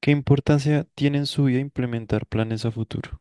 ¿Qué importancia tiene en su vida implementar planes a futuro?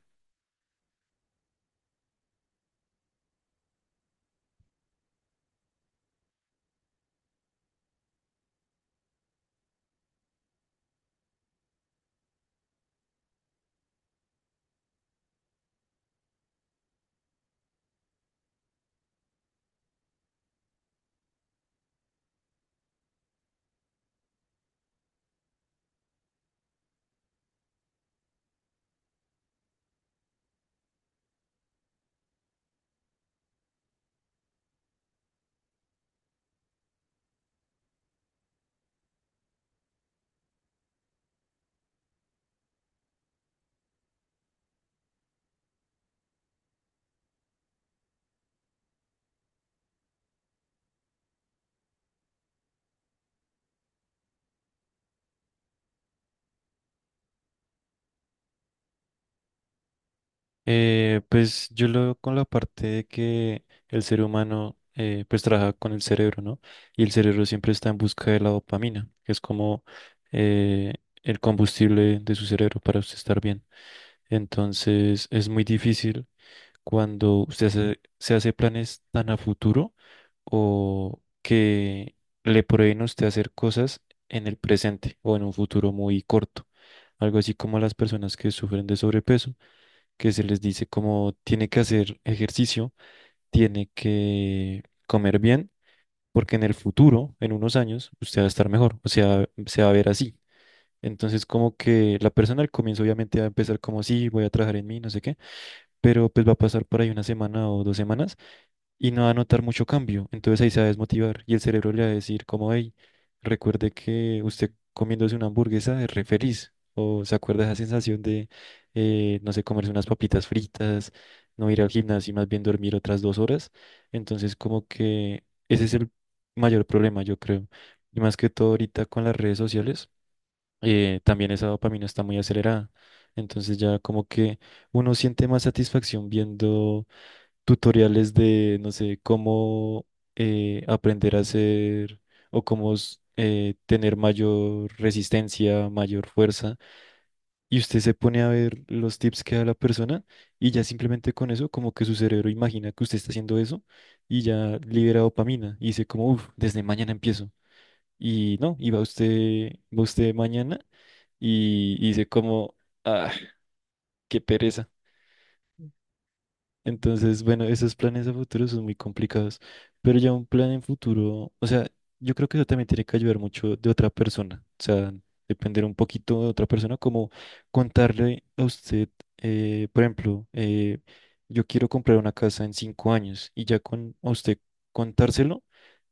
Pues yo lo veo con la parte de que el ser humano pues trabaja con el cerebro, ¿no? Y el cerebro siempre está en busca de la dopamina, que es como eh, el combustible de su cerebro para usted estar bien. Entonces es muy difícil cuando usted se hace planes tan a futuro o que le prohíben a usted hacer cosas en el presente o en un futuro muy corto. Algo así como a las personas que sufren de sobrepeso, que se les dice como tiene que hacer ejercicio, tiene que comer bien, porque en el futuro, en unos años, usted va a estar mejor, o sea, se va a ver así. Entonces, como que la persona al comienzo obviamente va a empezar como sí, voy a trabajar en mí, no sé qué, pero pues va a pasar por ahí una semana o 2 semanas y no va a notar mucho cambio. Entonces ahí se va a desmotivar y el cerebro le va a decir como, hey, recuerde que usted comiéndose una hamburguesa es re feliz. O se acuerda esa sensación de no sé, comerse unas papitas fritas, no ir al gimnasio y más bien dormir otras 2 horas. Entonces como que ese es el mayor problema, yo creo. Y más que todo ahorita con las redes sociales, también esa dopamina está muy acelerada. Entonces ya como que uno siente más satisfacción viendo tutoriales de, no sé, cómo aprender a hacer o cómo tener mayor resistencia, mayor fuerza. Y usted se pone a ver los tips que da la persona y ya simplemente con eso, como que su cerebro imagina que usted está haciendo eso y ya libera dopamina y dice como, uff, desde mañana empiezo. Y no, y va usted mañana y dice como, ah, qué pereza. Entonces, bueno, esos planes a futuro son muy complicados, pero ya un plan en futuro, o sea, yo creo que eso también tiene que ayudar mucho de otra persona, o sea, depender un poquito de otra persona, como contarle a usted, por ejemplo, yo quiero comprar una casa en 5 años y ya con a usted contárselo,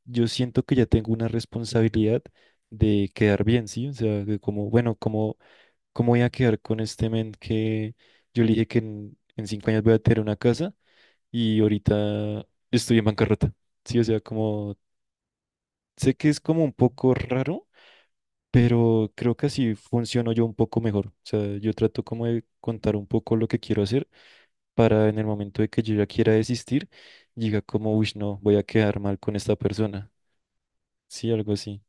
yo siento que ya tengo una responsabilidad de quedar bien, ¿sí? O sea, de como, bueno, como, ¿cómo voy a quedar con este men que yo le dije que en 5 años voy a tener una casa? Y ahorita estoy en bancarrota. Sí, o sea, como sé que es como un poco raro, pero creo que así funciono yo un poco mejor. O sea, yo trato como de contar un poco lo que quiero hacer para en el momento de que yo ya quiera desistir, diga como, uy, no, voy a quedar mal con esta persona. Sí, algo así.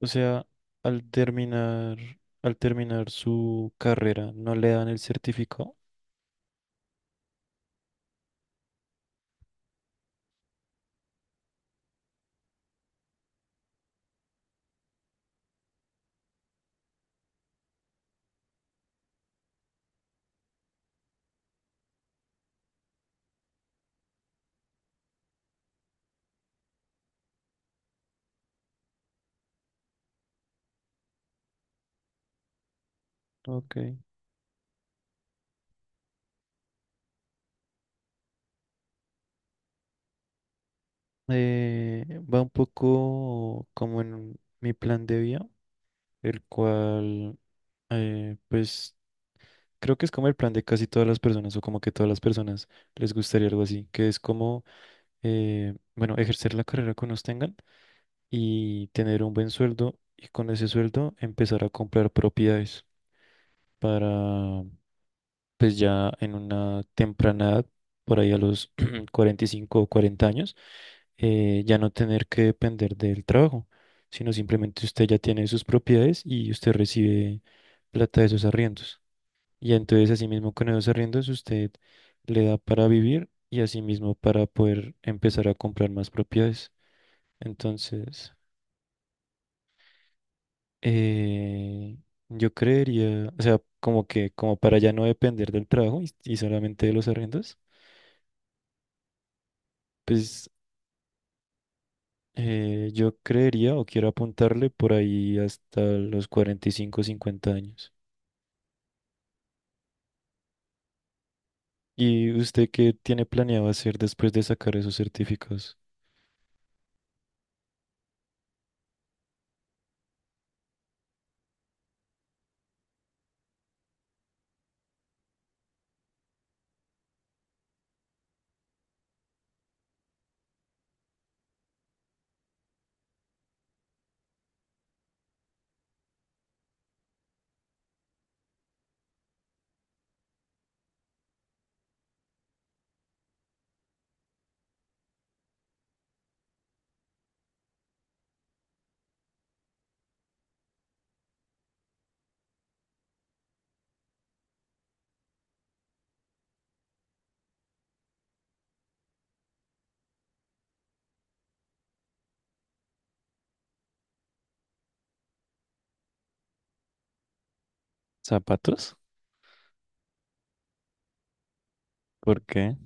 O sea, al terminar, al terminar su carrera, no le dan el certificado. Ok. Eh, va un poco como en mi plan de vida, el cual, pues creo que es como el plan de casi todas las personas o como que todas las personas les gustaría algo así, que es como, bueno, ejercer la carrera que nos tengan y tener un buen sueldo y con ese sueldo empezar a comprar propiedades para pues ya en una temprana edad, por ahí a los 45 o 40 años, ya no tener que depender del trabajo, sino simplemente usted ya tiene sus propiedades y usted recibe plata de esos arriendos. Y entonces asimismo con esos arriendos usted le da para vivir y asimismo para poder empezar a comprar más propiedades. Entonces, eh, yo creería, o sea, como que como para ya no depender del trabajo y solamente de los arriendos, pues. Yo creería o quiero apuntarle por ahí hasta los 45 o 50 años. ¿Y usted qué tiene planeado hacer después de sacar esos certificados? ¿Zapatos? ¿Por qué?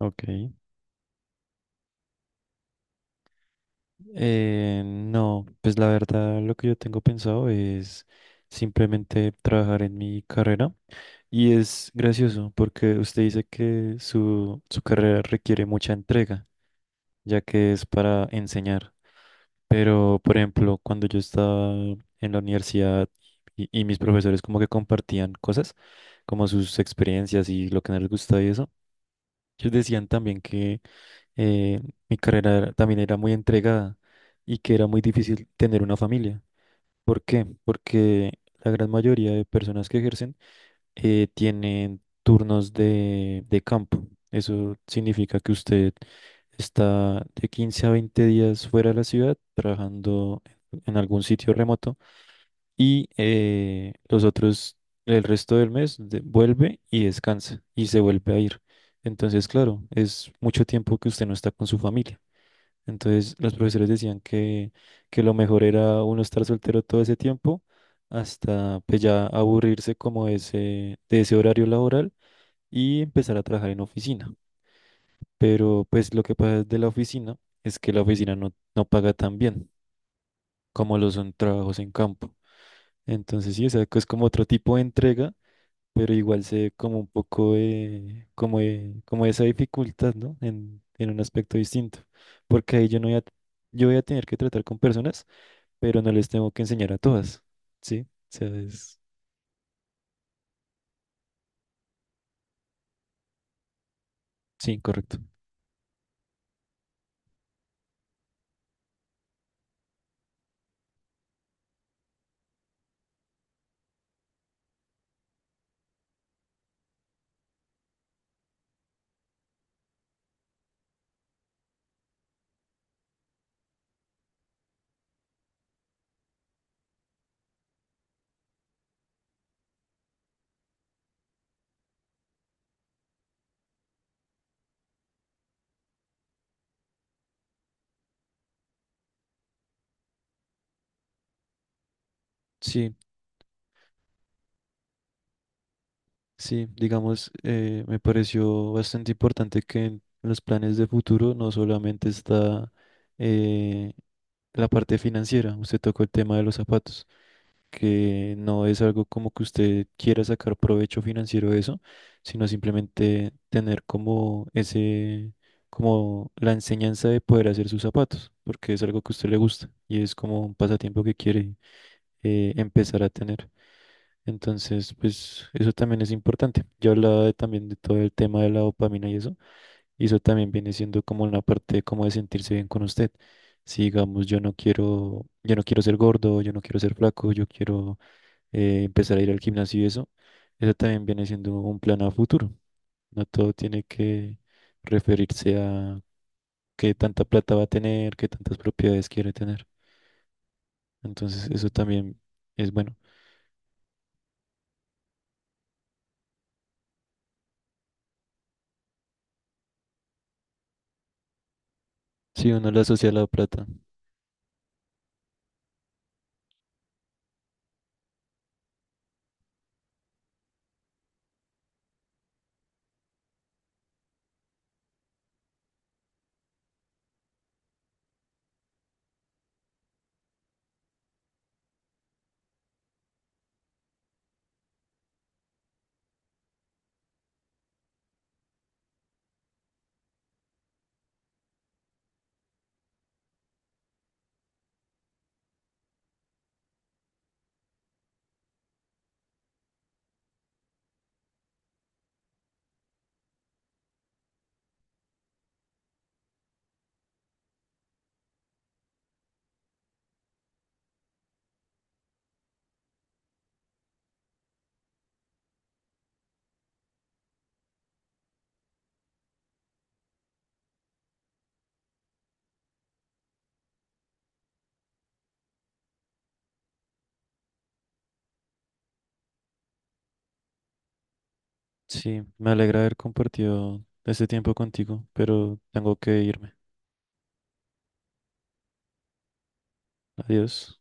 Ok. No, pues la verdad lo que yo tengo pensado es simplemente trabajar en mi carrera. Y es gracioso porque usted dice que su carrera requiere mucha entrega, ya que es para enseñar. Pero, por ejemplo, cuando yo estaba en la universidad y mis profesores como que compartían cosas, como sus experiencias y lo que no les gustaba y eso, ellos decían también que eh, mi también era muy entregada y que era muy difícil tener una familia. ¿Por qué? Porque la gran mayoría de personas que ejercen tienen turnos de campo. Eso significa que usted está de 15 a 20 días fuera de la ciudad trabajando en algún sitio remoto y los otros, el resto del mes, vuelve y descansa y se vuelve a ir. Entonces, claro, es mucho tiempo que usted no está con su familia. Entonces los profesores decían que lo mejor era uno estar soltero todo ese tiempo hasta pues ya aburrirse como de ese horario laboral y empezar a trabajar en oficina. Pero pues lo que pasa de la oficina es que la oficina no, no paga tan bien como lo son trabajos en campo. Entonces sí, o sea, que es como otro tipo de entrega, pero igual se ve como un poco de, como como esa dificultad, ¿no? En un aspecto distinto, porque ahí yo no voy a, yo voy a tener que tratar con personas pero no les tengo que enseñar a todas, ¿sí? O sea, es... Sí, correcto. Sí, sí, digamos, me pareció bastante importante que en los planes de futuro no solamente está eh, la parte financiera, usted tocó el tema de los zapatos, que no es algo como que usted quiera sacar provecho financiero de eso, sino simplemente tener como ese, como la enseñanza de poder hacer sus zapatos, porque es algo que a usted le gusta y es como un pasatiempo que quiere empezar a tener. Entonces, pues eso también es importante. Yo hablaba también de todo el tema de la dopamina y eso también viene siendo como una parte como de sentirse bien con usted. Si digamos, yo no quiero ser gordo, yo no quiero ser flaco, yo quiero empezar a ir al gimnasio y eso también viene siendo un plan a futuro. No todo tiene que referirse a qué tanta plata va a tener, qué tantas propiedades quiere tener. Entonces, eso también es bueno. Si uno le asocia a la plata. Sí, me alegra haber compartido este tiempo contigo, pero tengo que irme. Adiós.